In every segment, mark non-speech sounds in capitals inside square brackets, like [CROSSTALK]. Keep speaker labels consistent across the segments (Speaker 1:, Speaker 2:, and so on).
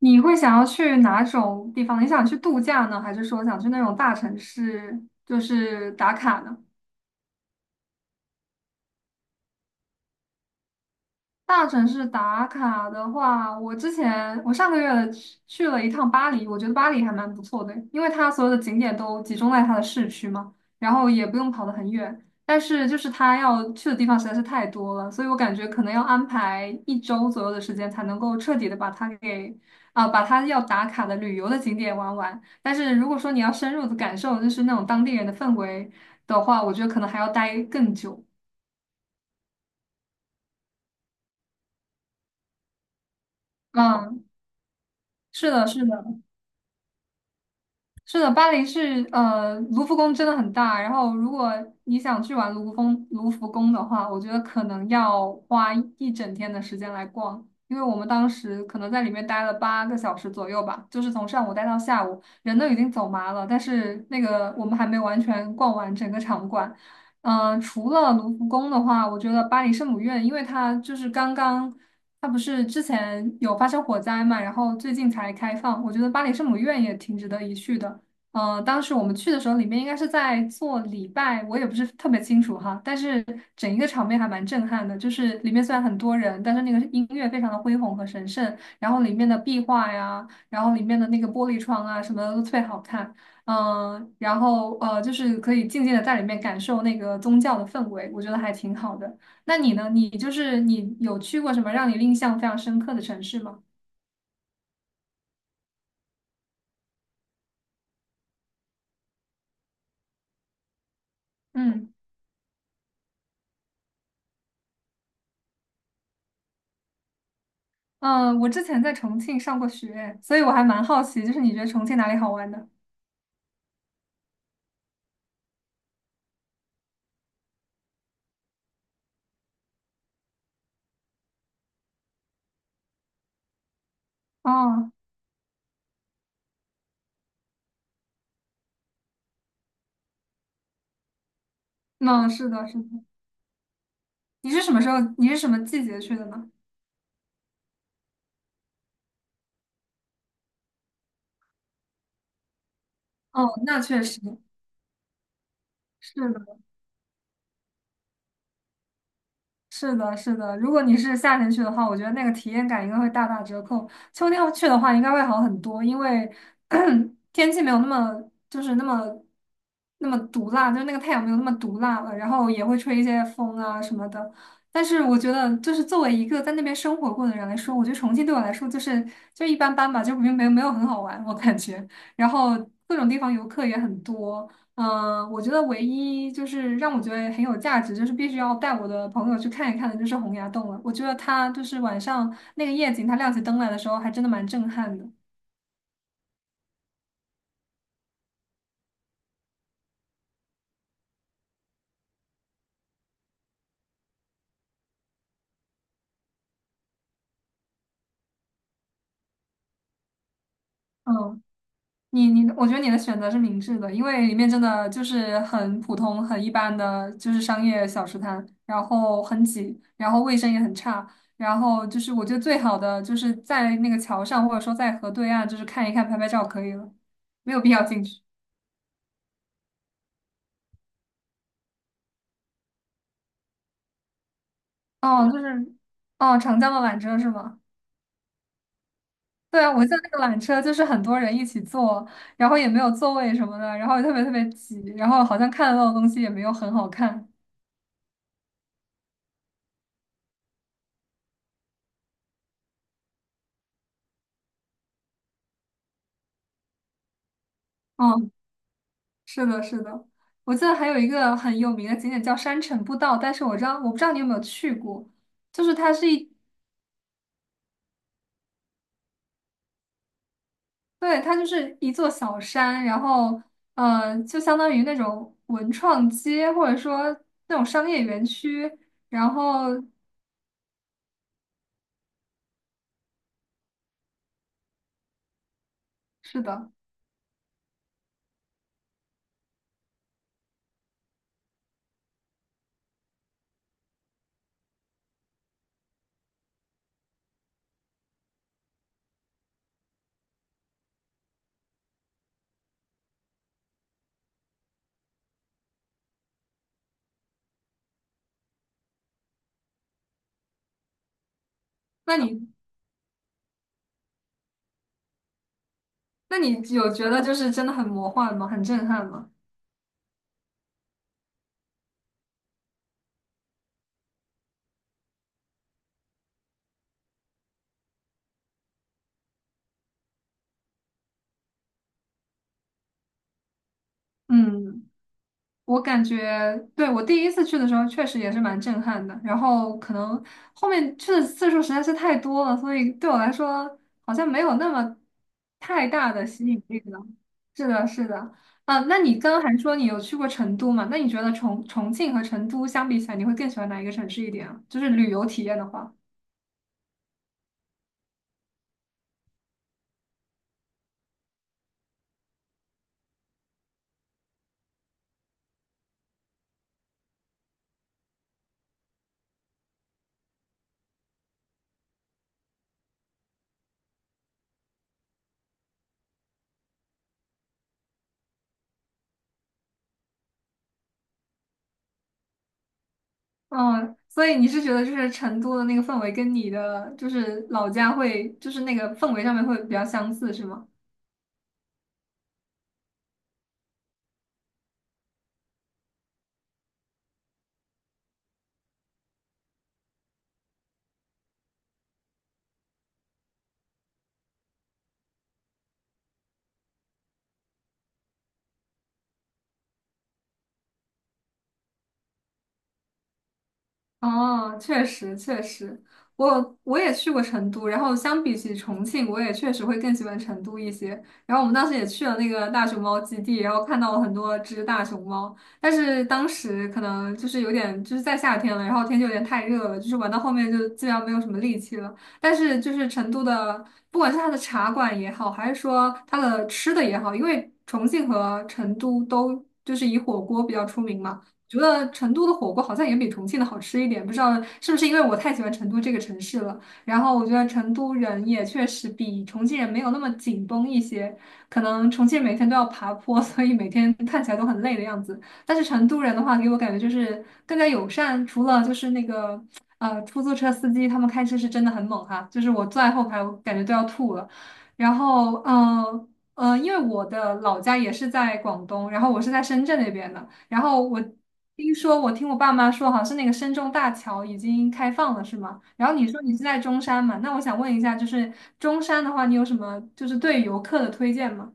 Speaker 1: 你会想要去哪种地方？你想去度假呢，还是说想去那种大城市，就是打卡呢？大城市打卡的话，我之前我上个月去了一趟巴黎，我觉得巴黎还蛮不错的，因为它所有的景点都集中在它的市区嘛，然后也不用跑得很远。但是就是它要去的地方实在是太多了，所以我感觉可能要安排一周左右的时间才能够彻底的把它要打卡的旅游的景点玩完。但是如果说你要深入的感受就是那种当地人的氛围的话，我觉得可能还要待更久。嗯，是的，是的。是的，巴黎是呃，卢浮宫真的很大。然后，如果你想去玩卢浮宫的话，我觉得可能要花一整天的时间来逛，因为我们当时可能在里面待了8个小时左右吧，就是从上午待到下午，人都已经走麻了，但是那个我们还没完全逛完整个场馆。除了卢浮宫的话，我觉得巴黎圣母院，因为它就是刚刚。它不是之前有发生火灾嘛，然后最近才开放，我觉得巴黎圣母院也挺值得一去的。当时我们去的时候，里面应该是在做礼拜，我也不是特别清楚哈，但是整一个场面还蛮震撼的。就是里面虽然很多人，但是那个音乐非常的恢宏和神圣，然后里面的壁画呀，然后里面的那个玻璃窗啊，什么的都特别好看。然后，就是可以静静的在里面感受那个宗教的氛围，我觉得还挺好的。那你呢？你就是你有去过什么让你印象非常深刻的城市吗？嗯。嗯，我之前在重庆上过学，所以我还蛮好奇，就是你觉得重庆哪里好玩的？哦，那是的，是的。你是什么时候？你是什么季节去的呢？哦，那确实是的。是的，是的。如果你是夏天去的话，我觉得那个体验感应该会大打折扣。秋天去的话，应该会好很多，因为 [CLEARS THROAT] 天气没有那么毒辣，就是那个太阳没有那么毒辣了，然后也会吹一些风啊什么的。但是我觉得，就是作为一个在那边生活过的人来说，我觉得重庆对我来说就是一般般吧，就没有很好玩，我感觉。然后各种地方游客也很多，嗯，我觉得唯一就是让我觉得很有价值，就是必须要带我的朋友去看一看的，就是洪崖洞了。我觉得它就是晚上那个夜景，它亮起灯来的时候，还真的蛮震撼的。嗯，我觉得你的选择是明智的，因为里面真的就是很普通、很一般的，就是商业小吃摊，然后很挤，然后卫生也很差，然后就是我觉得最好的就是在那个桥上，或者说在河对岸，就是看一看、拍拍照可以了，没有必要进去。哦，就是，哦，长江的缆车是吗？对啊，我记得那个缆车就是很多人一起坐，然后也没有座位什么的，然后也特别特别挤，然后好像看得到的东西也没有很好看。嗯，是的，是的，我记得还有一个很有名的景点叫山城步道，但是我不知道你有没有去过，就是它是一，对，它就是一座小山，然后就相当于那种文创街或者说那种商业园区，然后是的。那你那你有觉得就是真的很魔幻吗？很震撼吗？嗯，我感觉，对，我第一次去的时候确实也是蛮震撼的，然后可能后面去的次数实在是太多了，所以对我来说好像没有那么太大的吸引力了。是的，是的，啊，那你刚刚还说你有去过成都嘛？那你觉得重庆和成都相比起来，你会更喜欢哪一个城市一点啊？就是旅游体验的话。嗯，所以你是觉得就是成都的那个氛围跟你的就是老家会就是那个氛围上面会比较相似，是吗？哦，确实确实，我也去过成都，然后相比起重庆，我也确实会更喜欢成都一些。然后我们当时也去了那个大熊猫基地，然后看到了很多只大熊猫，但是当时可能就是有点就是在夏天了，然后天气有点太热了，就是玩到后面就基本上没有什么力气了。但是就是成都的，不管是它的茶馆也好，还是说它的吃的也好，因为重庆和成都都就是以火锅比较出名嘛。觉得成都的火锅好像也比重庆的好吃一点，不知道是不是因为我太喜欢成都这个城市了。然后我觉得成都人也确实比重庆人没有那么紧绷一些，可能重庆每天都要爬坡，[LAUGHS] 所以每天看起来都很累的样子。但是成都人的话，给我感觉就是更加友善，除了就是那个出租车司机，他们开车是真的很猛哈，就是我坐在后排，我感觉都要吐了。然后因为我的老家也是在广东，然后我是在深圳那边的。然后我听我爸妈说，好像是那个深中大桥已经开放了，是吗？然后你说你是在中山嘛？那我想问一下，就是中山的话，你有什么就是对游客的推荐吗？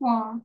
Speaker 1: 哇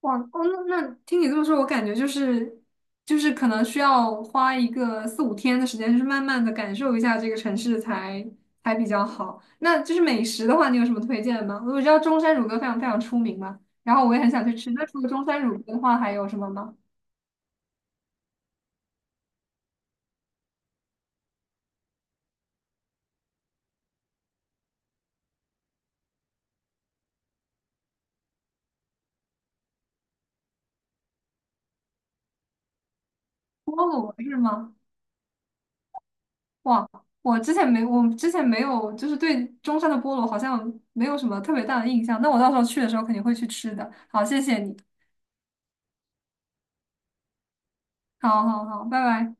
Speaker 1: 哇哦，那听你这么说，我感觉就是可能需要花一个四五天的时间，就是慢慢的感受一下这个城市才比较好。那就是美食的话，你有什么推荐吗？我知道中山乳鸽非常非常出名嘛，然后我也很想去吃。那除了中山乳鸽的话，还有什么吗？菠萝是吗？哇，我之前没有，就是对中山的菠萝好像没有什么特别大的印象。那我到时候去的时候肯定会去吃的。好，谢谢你。好好好，拜拜。